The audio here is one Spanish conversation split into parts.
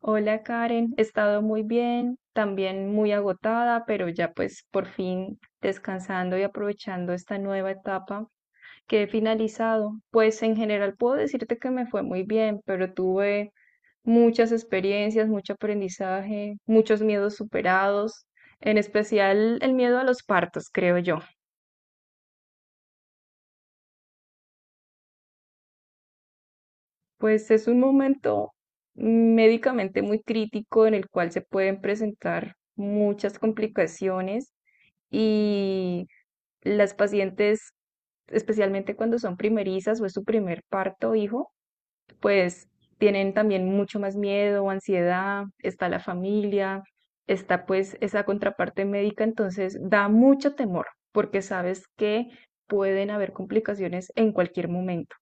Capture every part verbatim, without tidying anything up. Hola Karen, he estado muy bien, también muy agotada, pero ya pues por fin descansando y aprovechando esta nueva etapa que he finalizado. Pues en general puedo decirte que me fue muy bien, pero tuve muchas experiencias, mucho aprendizaje, muchos miedos superados, en especial el miedo a los partos, creo yo. Pues es un momento médicamente muy crítico en el cual se pueden presentar muchas complicaciones. Y las pacientes, especialmente cuando son primerizas o es su primer parto o hijo, pues tienen también mucho más miedo, ansiedad, está la familia, está pues esa contraparte médica, entonces da mucho temor porque sabes que pueden haber complicaciones en cualquier momento.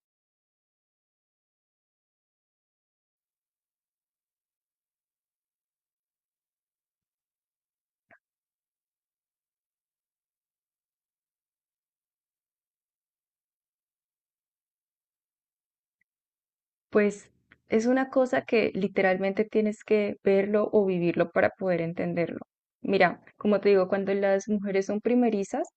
Pues es una cosa que literalmente tienes que verlo o vivirlo para poder entenderlo. Mira, como te digo, cuando las mujeres son primerizas,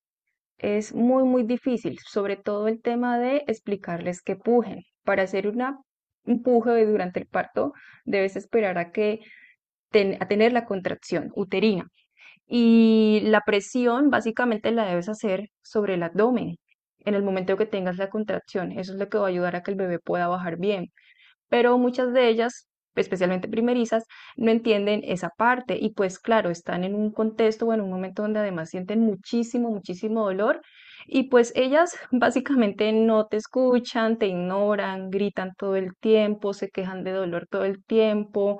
es muy, muy difícil, sobre todo el tema de explicarles que pujen. Para hacer una, un puje durante el parto, debes esperar a que ten- a tener la contracción uterina. Y la presión básicamente la debes hacer sobre el abdomen en el momento que tengas la contracción. Eso es lo que va a ayudar a que el bebé pueda bajar bien, pero muchas de ellas, especialmente primerizas, no entienden esa parte y pues claro, están en un contexto o en un momento donde además sienten muchísimo, muchísimo dolor y pues ellas básicamente no te escuchan, te ignoran, gritan todo el tiempo, se quejan de dolor todo el tiempo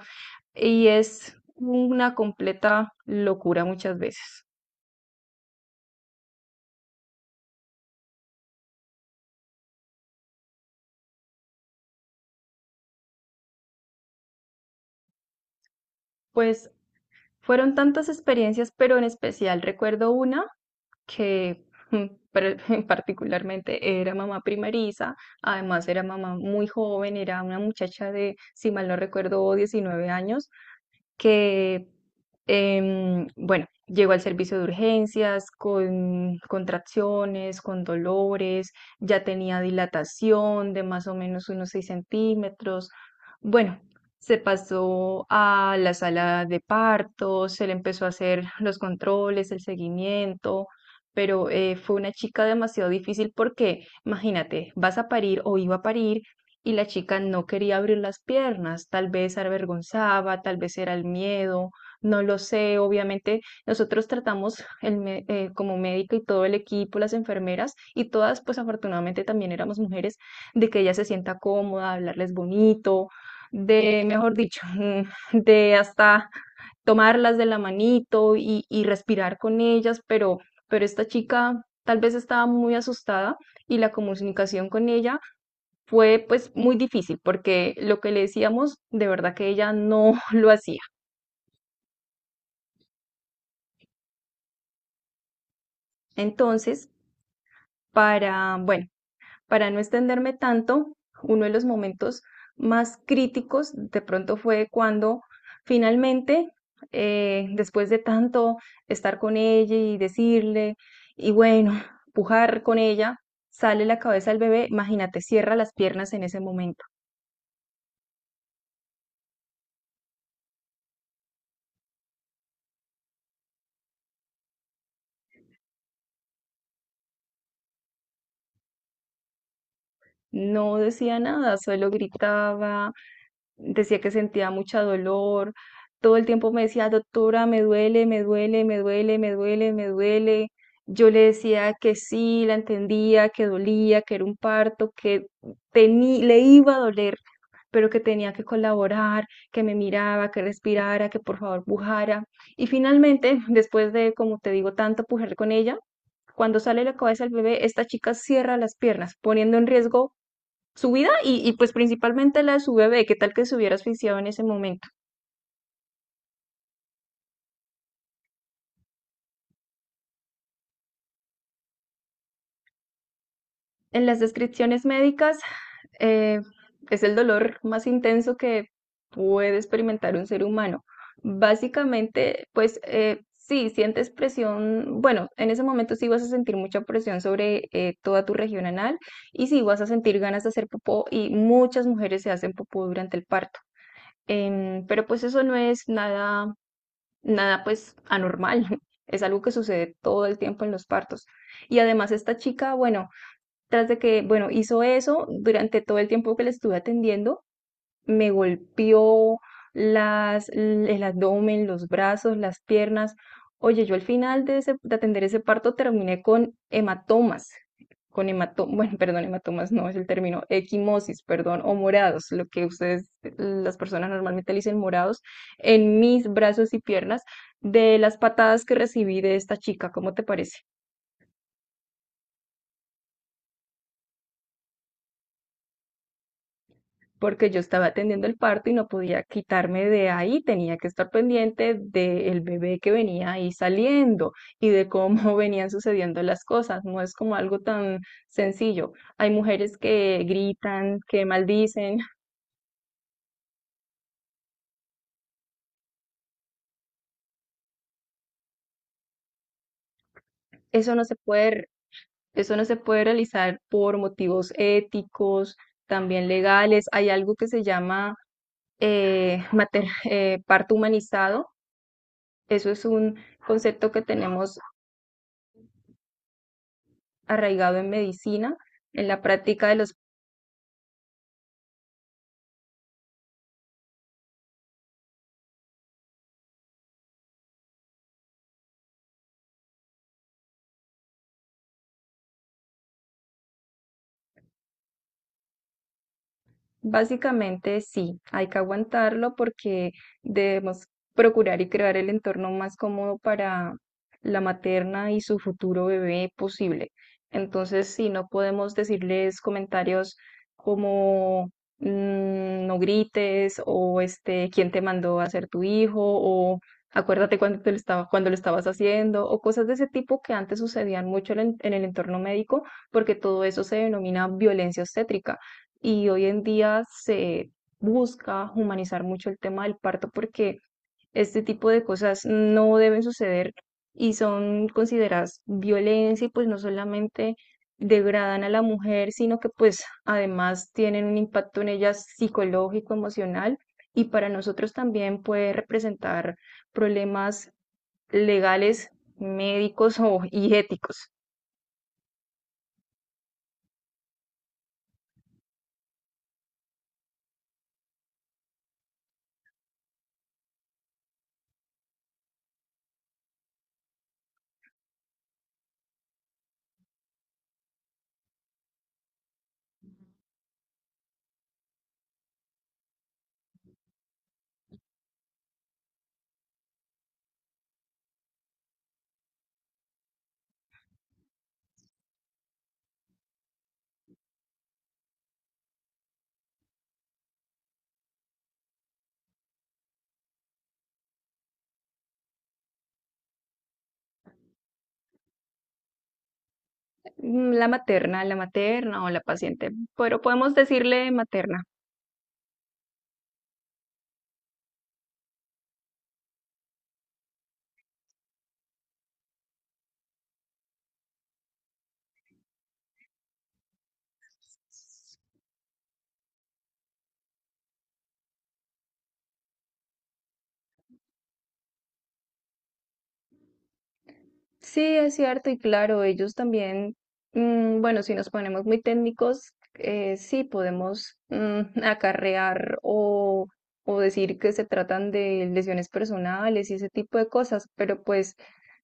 y es una completa locura muchas veces. Pues fueron tantas experiencias, pero en especial recuerdo una que mm, pre- particularmente era mamá primeriza, además era mamá muy joven, era una muchacha de, si mal no recuerdo, diecinueve años, que, em, bueno, llegó al servicio de urgencias con contracciones, con dolores, ya tenía dilatación de más o menos unos seis centímetros. Bueno, se pasó a la sala de partos, se le empezó a hacer los controles, el seguimiento. Pero eh, fue una chica demasiado difícil porque, imagínate, vas a parir o iba a parir y la chica no quería abrir las piernas, tal vez se avergonzaba, tal vez era el miedo, no lo sé, obviamente nosotros tratamos el me- eh, como médica y todo el equipo, las enfermeras y todas, pues afortunadamente también éramos mujeres, de que ella se sienta cómoda, hablarles bonito, de, mejor dicho, de hasta tomarlas de la manito y, y respirar con ellas, pero, pero esta chica tal vez estaba muy asustada y la comunicación con ella fue pues muy difícil porque lo que le decíamos de verdad que ella no lo hacía. Entonces, para, bueno, para no extenderme tanto, uno de los momentos más críticos de pronto fue cuando finalmente, eh, después de tanto estar con ella y decirle, y bueno, pujar con ella, sale la cabeza del bebé, imagínate, cierra las piernas en ese momento. No decía nada, solo gritaba, decía que sentía mucha dolor, todo el tiempo me decía, doctora, me duele, me duele, me duele, me duele, me duele. Yo le decía que sí, la entendía, que dolía, que era un parto, que tení- le iba a doler, pero que tenía que colaborar, que me miraba, que respirara, que por favor pujara. Y finalmente, después de, como te digo, tanto pujar con ella, cuando sale la cabeza del bebé, esta chica cierra las piernas, poniendo en riesgo su vida y, y, pues principalmente la de su bebé, qué tal que se hubiera asfixiado en ese momento. En las descripciones médicas eh, es el dolor más intenso que puede experimentar un ser humano. Básicamente, pues eh, sí, sientes presión, bueno, en ese momento sí vas a sentir mucha presión sobre eh, toda tu región anal y sí vas a sentir ganas de hacer popó, y muchas mujeres se hacen popó durante el parto. Em, pero pues eso no es nada, nada pues anormal, es algo que sucede todo el tiempo en los partos. Y además esta chica, bueno, tras de que, bueno, hizo eso durante todo el tiempo que le estuve atendiendo, me golpeó las, el abdomen, los brazos, las piernas. Oye, yo al final de, ese- de atender ese parto terminé con hematomas, con hematomas, bueno, perdón, hematomas no es el término, equimosis, perdón, o morados, lo que ustedes, las personas normalmente le dicen morados, en mis brazos y piernas de las patadas que recibí de esta chica. ¿Cómo te parece? Porque yo estaba atendiendo el parto y no podía quitarme de ahí, tenía que estar pendiente del bebé que venía ahí saliendo y de cómo venían sucediendo las cosas. No es como algo tan sencillo. Hay mujeres que gritan, que maldicen. Eso no se puede, eso no se puede realizar por motivos éticos, también legales. Hay algo que se llama eh, mater- eh, parto humanizado. Eso es un concepto que tenemos arraigado en medicina, en la práctica de los. Básicamente sí, hay que aguantarlo porque debemos procurar y crear el entorno más cómodo para la materna y su futuro bebé posible. Entonces, sí, no podemos decirles comentarios como mm, no grites o este, quién te mandó a ser tu hijo o acuérdate cuando te lo estaba, cuando lo estabas haciendo o cosas de ese tipo que antes sucedían mucho en el en el entorno médico, porque todo eso se denomina violencia obstétrica y hoy en día se busca humanizar mucho el tema del parto porque este tipo de cosas no deben suceder y son consideradas violencia y pues no solamente degradan a la mujer, sino que pues además tienen un impacto en ella psicológico, emocional, y para nosotros también puede representar problemas legales, médicos o, y éticos. Mm, la materna, la materna o la paciente, pero podemos decirle materna. Sí, es cierto y claro, ellos también, mm, bueno, si nos ponemos muy técnicos, eh, sí podemos mm, acarrear o, o decir que se tratan de lesiones personales y ese tipo de cosas, pero pues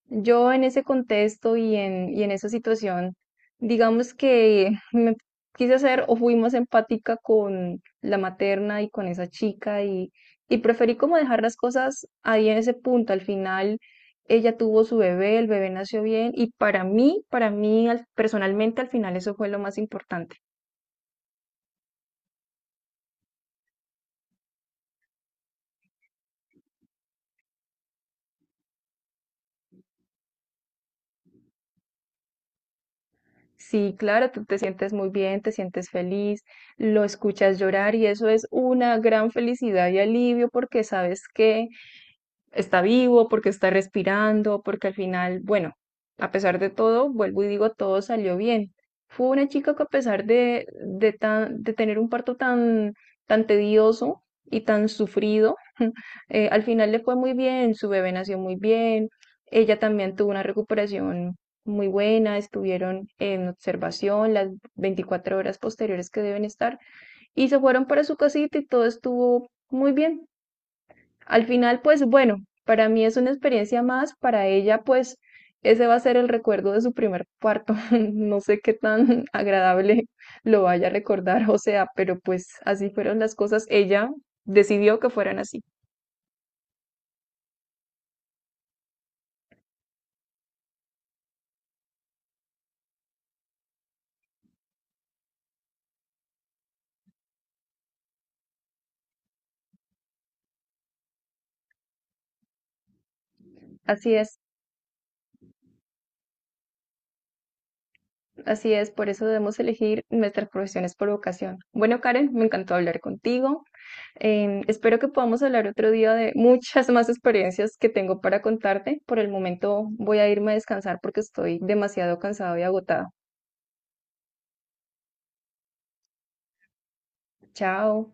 yo en ese contexto y en, y en esa situación, digamos que me quise hacer o fui más empática con la materna y con esa chica y, y preferí como dejar las cosas ahí en ese punto. Al final ella tuvo su bebé, el bebé nació bien y para mí, para mí al- personalmente al final eso fue lo más importante. Sí, claro, tú te sientes muy bien, te sientes feliz, lo escuchas llorar y eso es una gran felicidad y alivio porque sabes que está vivo, porque está respirando, porque al final, bueno, a pesar de todo, vuelvo y digo, todo salió bien. Fue una chica que a pesar de, de, tan- de tener un parto tan, tan tedioso y tan sufrido, eh, al final le fue muy bien, su bebé nació muy bien, ella también tuvo una recuperación muy buena, estuvieron en observación las veinticuatro horas posteriores que deben estar y se fueron para su casita y todo estuvo muy bien. Al final, pues bueno, para mí es una experiencia más, para ella pues ese va a ser el recuerdo de su primer parto. No sé qué tan agradable lo vaya a recordar, o sea, pero pues así fueron las cosas. Ella decidió que fueran así. Así es, así es, por eso debemos elegir nuestras profesiones por vocación. Bueno, Karen, me encantó hablar contigo. Eh, espero que podamos hablar otro día de muchas más experiencias que tengo para contarte. Por el momento voy a irme a descansar porque estoy demasiado cansado y agotado. Chao.